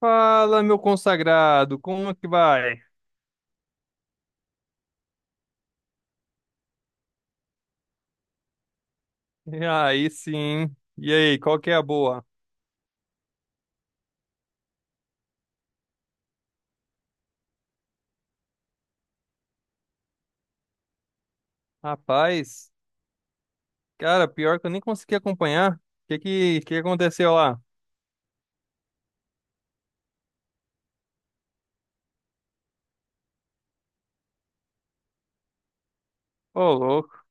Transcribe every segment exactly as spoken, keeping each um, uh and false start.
Fala, meu consagrado, como é que vai? E aí sim. E aí, qual que é a boa? Rapaz, cara, pior que eu nem consegui acompanhar. O que que, que aconteceu lá? Ô, louco.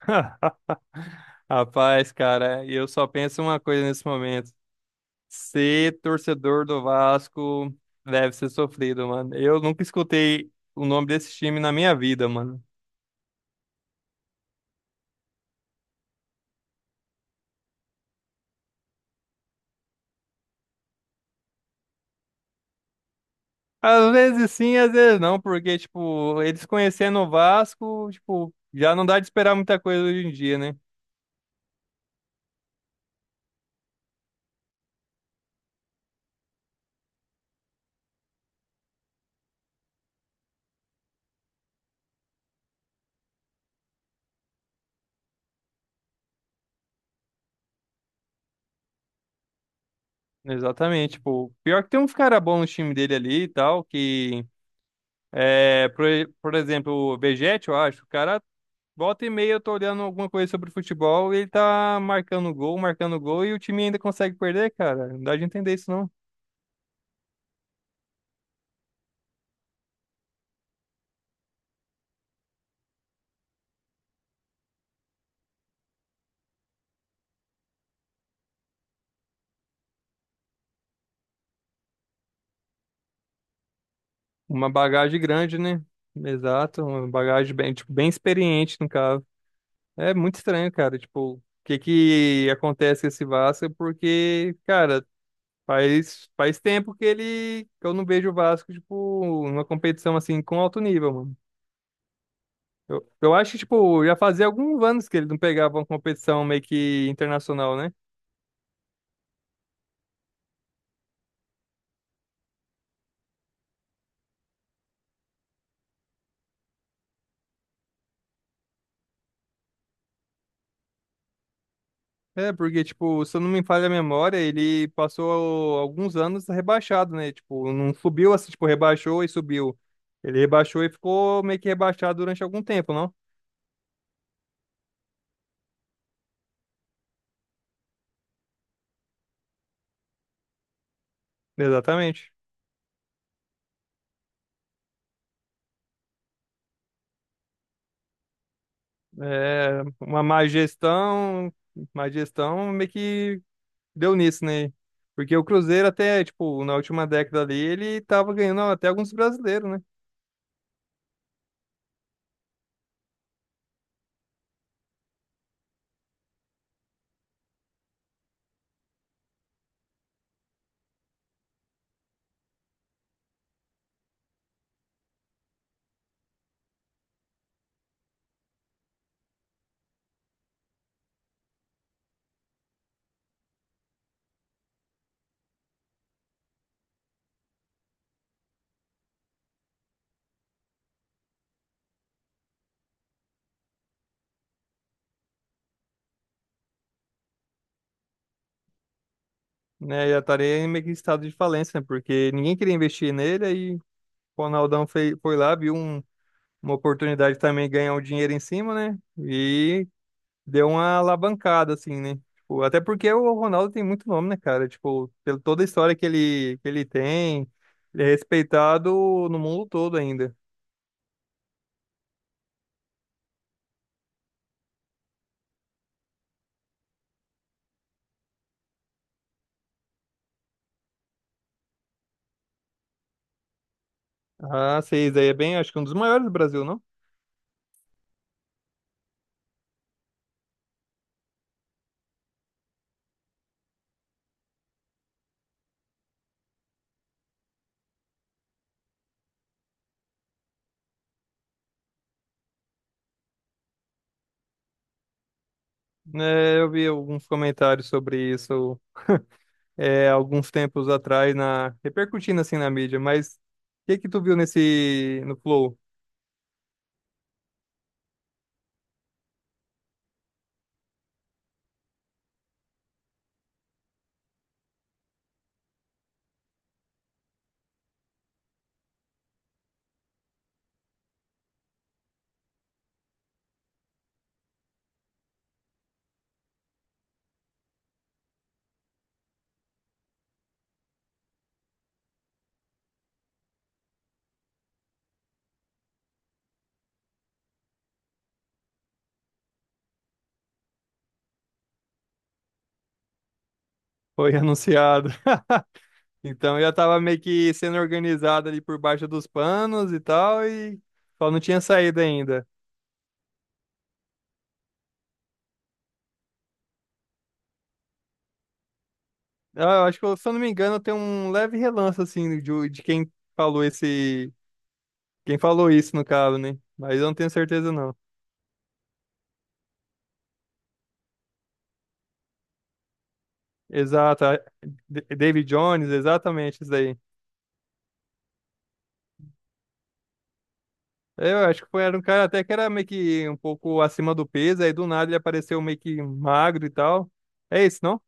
Rapaz, cara, eu só penso uma coisa nesse momento. Ser torcedor do Vasco deve ser sofrido, mano. Eu nunca escutei o nome desse time na minha vida, mano. Às vezes sim, às vezes não, porque, tipo, eles conhecendo o Vasco, tipo, já não dá de esperar muita coisa hoje em dia, né? Exatamente, tipo, pior que tem uns cara bons no time dele ali e tal, que, é, por, por exemplo, o Vegetti, eu acho, o cara, volta e meia eu tô olhando alguma coisa sobre futebol e ele tá marcando gol, marcando gol e o time ainda consegue perder, cara, não dá de entender isso não. Uma bagagem grande, né? Exato, uma bagagem bem, tipo, bem experiente no caso. É muito estranho, cara. Tipo, o que que acontece com esse Vasco? Porque, cara, faz, faz tempo que ele que eu não vejo o Vasco, tipo, numa competição assim com alto nível, mano. Eu, eu acho que, tipo, já fazia alguns anos que ele não pegava uma competição meio que internacional, né? É, porque, tipo, se eu não me falha a memória, ele passou alguns anos rebaixado, né? Tipo, não subiu assim, tipo, rebaixou e subiu. Ele rebaixou e ficou meio que rebaixado durante algum tempo, não? Exatamente. É, uma má gestão, má gestão meio que deu nisso, né? Porque o Cruzeiro até, tipo, na última década ali, ele tava ganhando até alguns brasileiros, né? Né, já estaria em meio que em estado de falência, né? Porque ninguém queria investir nele, aí o Ronaldão foi, foi lá, viu um- uma oportunidade também de ganhar um dinheiro em cima, né? E deu uma alavancada, assim, né? Tipo, até porque o Ronaldo tem muito nome, né, cara? Tipo, pela toda a história que ele, que ele tem, ele é respeitado no mundo todo ainda. Ah, sei, daí é bem, acho que um dos maiores do Brasil, não? É, eu vi alguns comentários sobre isso é, alguns tempos atrás, na, repercutindo assim na mídia, mas o que que tu viu nesse, no Flow? Foi anunciado. Então eu já tava meio que sendo organizado ali por baixo dos panos e tal, e só não tinha saído ainda. Ah, eu acho que, eu- se eu não me engano, tem um leve relance, assim, de, de quem falou esse. Quem falou isso, no caso, né? Mas eu não tenho certeza, não. Exato. a- D- David Jones, exatamente isso daí. Eu acho que foi, era um cara até que era meio que um pouco acima do peso, aí do nada ele apareceu meio que magro e tal. É isso, não?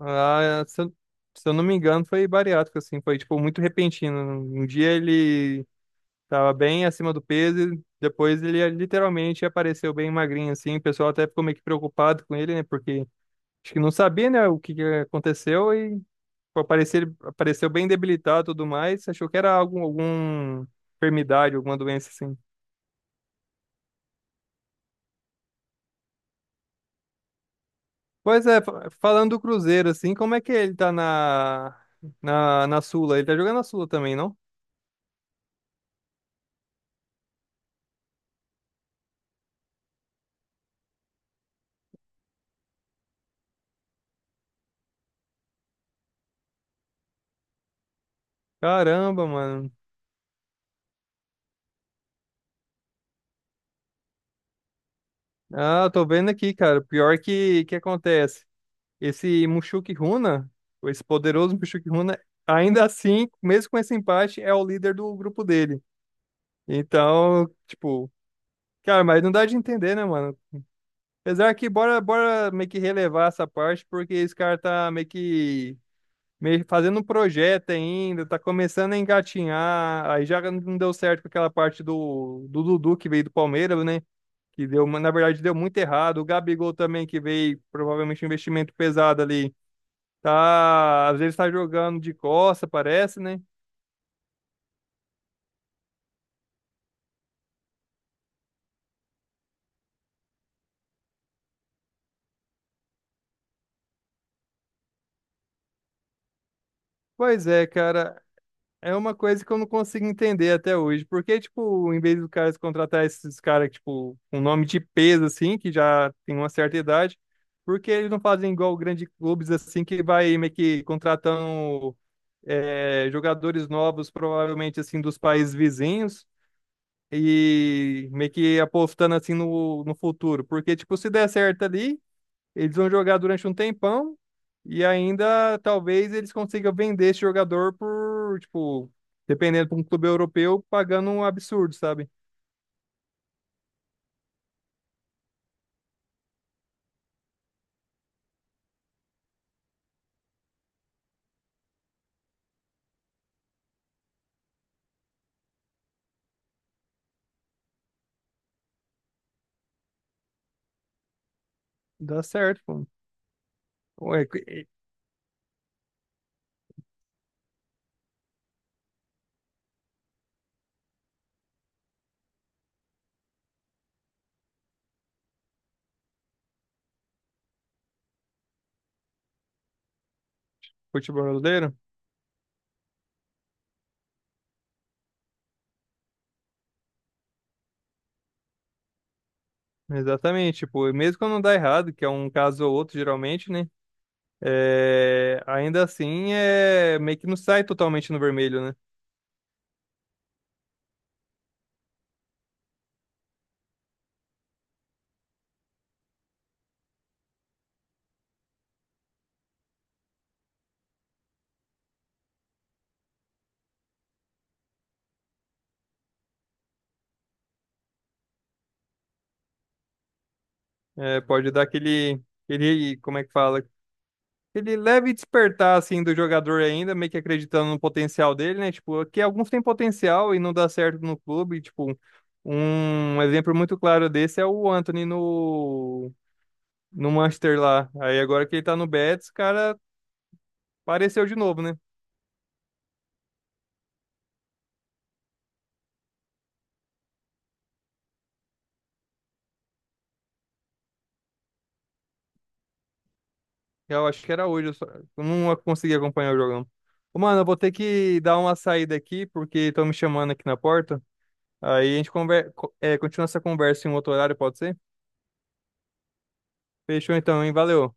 Ah, é, se eu, se eu não me engano, foi bariátrico, assim, foi, tipo, muito repentino. Um dia ele tava bem acima do peso, e depois ele literalmente apareceu bem magrinho, assim, o pessoal até ficou meio que preocupado com ele, né, porque acho que não sabia, né, o que que aconteceu, e pô, apareceu, ele apareceu bem debilitado e tudo mais, achou que era algum, alguma enfermidade, alguma doença, assim. Pois é, fa- falando do Cruzeiro, assim, como é que ele tá na, na, na Sula? Ele tá jogando na Sula também, não? Caramba, mano. Ah, eu tô vendo aqui, cara. Pior que que acontece. Esse Mushoku Runa, esse poderoso Mushoku Runa, ainda assim, mesmo com esse empate, é o líder do grupo dele. Então, tipo, cara, mas não dá de entender, né, mano? Apesar que bora, bora meio que relevar essa parte, porque esse cara tá meio que meio fazendo um projeto ainda, tá começando a engatinhar. Aí já não deu certo com aquela parte do, do Dudu que veio do Palmeiras, né? que deu, na verdade, deu muito errado. O Gabigol também, que veio provavelmente um investimento pesado ali, tá, às vezes tá jogando de costa, parece, né? Pois é, cara, é uma coisa que eu não consigo entender até hoje. Porque, tipo, em vez do cara contratar esses caras, tipo, um nome de peso, assim, que já tem uma certa idade, porque eles não fazem igual grandes clubes, assim, que vai meio que contratando é, jogadores novos, provavelmente, assim, dos países vizinhos e meio que apostando assim no, no futuro. Porque, tipo, se der certo ali, eles vão jogar durante um tempão e ainda talvez eles consigam vender esse jogador por, tipo, dependendo para um clube europeu, pagando um absurdo, sabe? Dá certo, pô. Ué, que- e- futebol brasileiro? Exatamente, tipo, e mesmo quando não dá errado, que é um caso ou outro geralmente, né? É, ainda assim, é meio que não sai totalmente no vermelho, né? É, pode dar aquele, aquele, como é que fala? Ele leve despertar, assim, do jogador ainda, meio que acreditando no potencial dele, né? Tipo, que alguns têm potencial e não dá certo no clube. Tipo, um exemplo muito claro desse é o Anthony no, no Manchester lá. Aí agora que ele tá no Betis, o cara apareceu de novo, né? Eu acho que era hoje, eu, só, eu não consegui acompanhar o jogão. Ô, mano, eu vou ter que dar uma saída aqui, porque estão me chamando aqui na porta. Aí a gente conver... co- é, continua essa conversa em um outro horário, pode ser? Fechou então, hein? Valeu.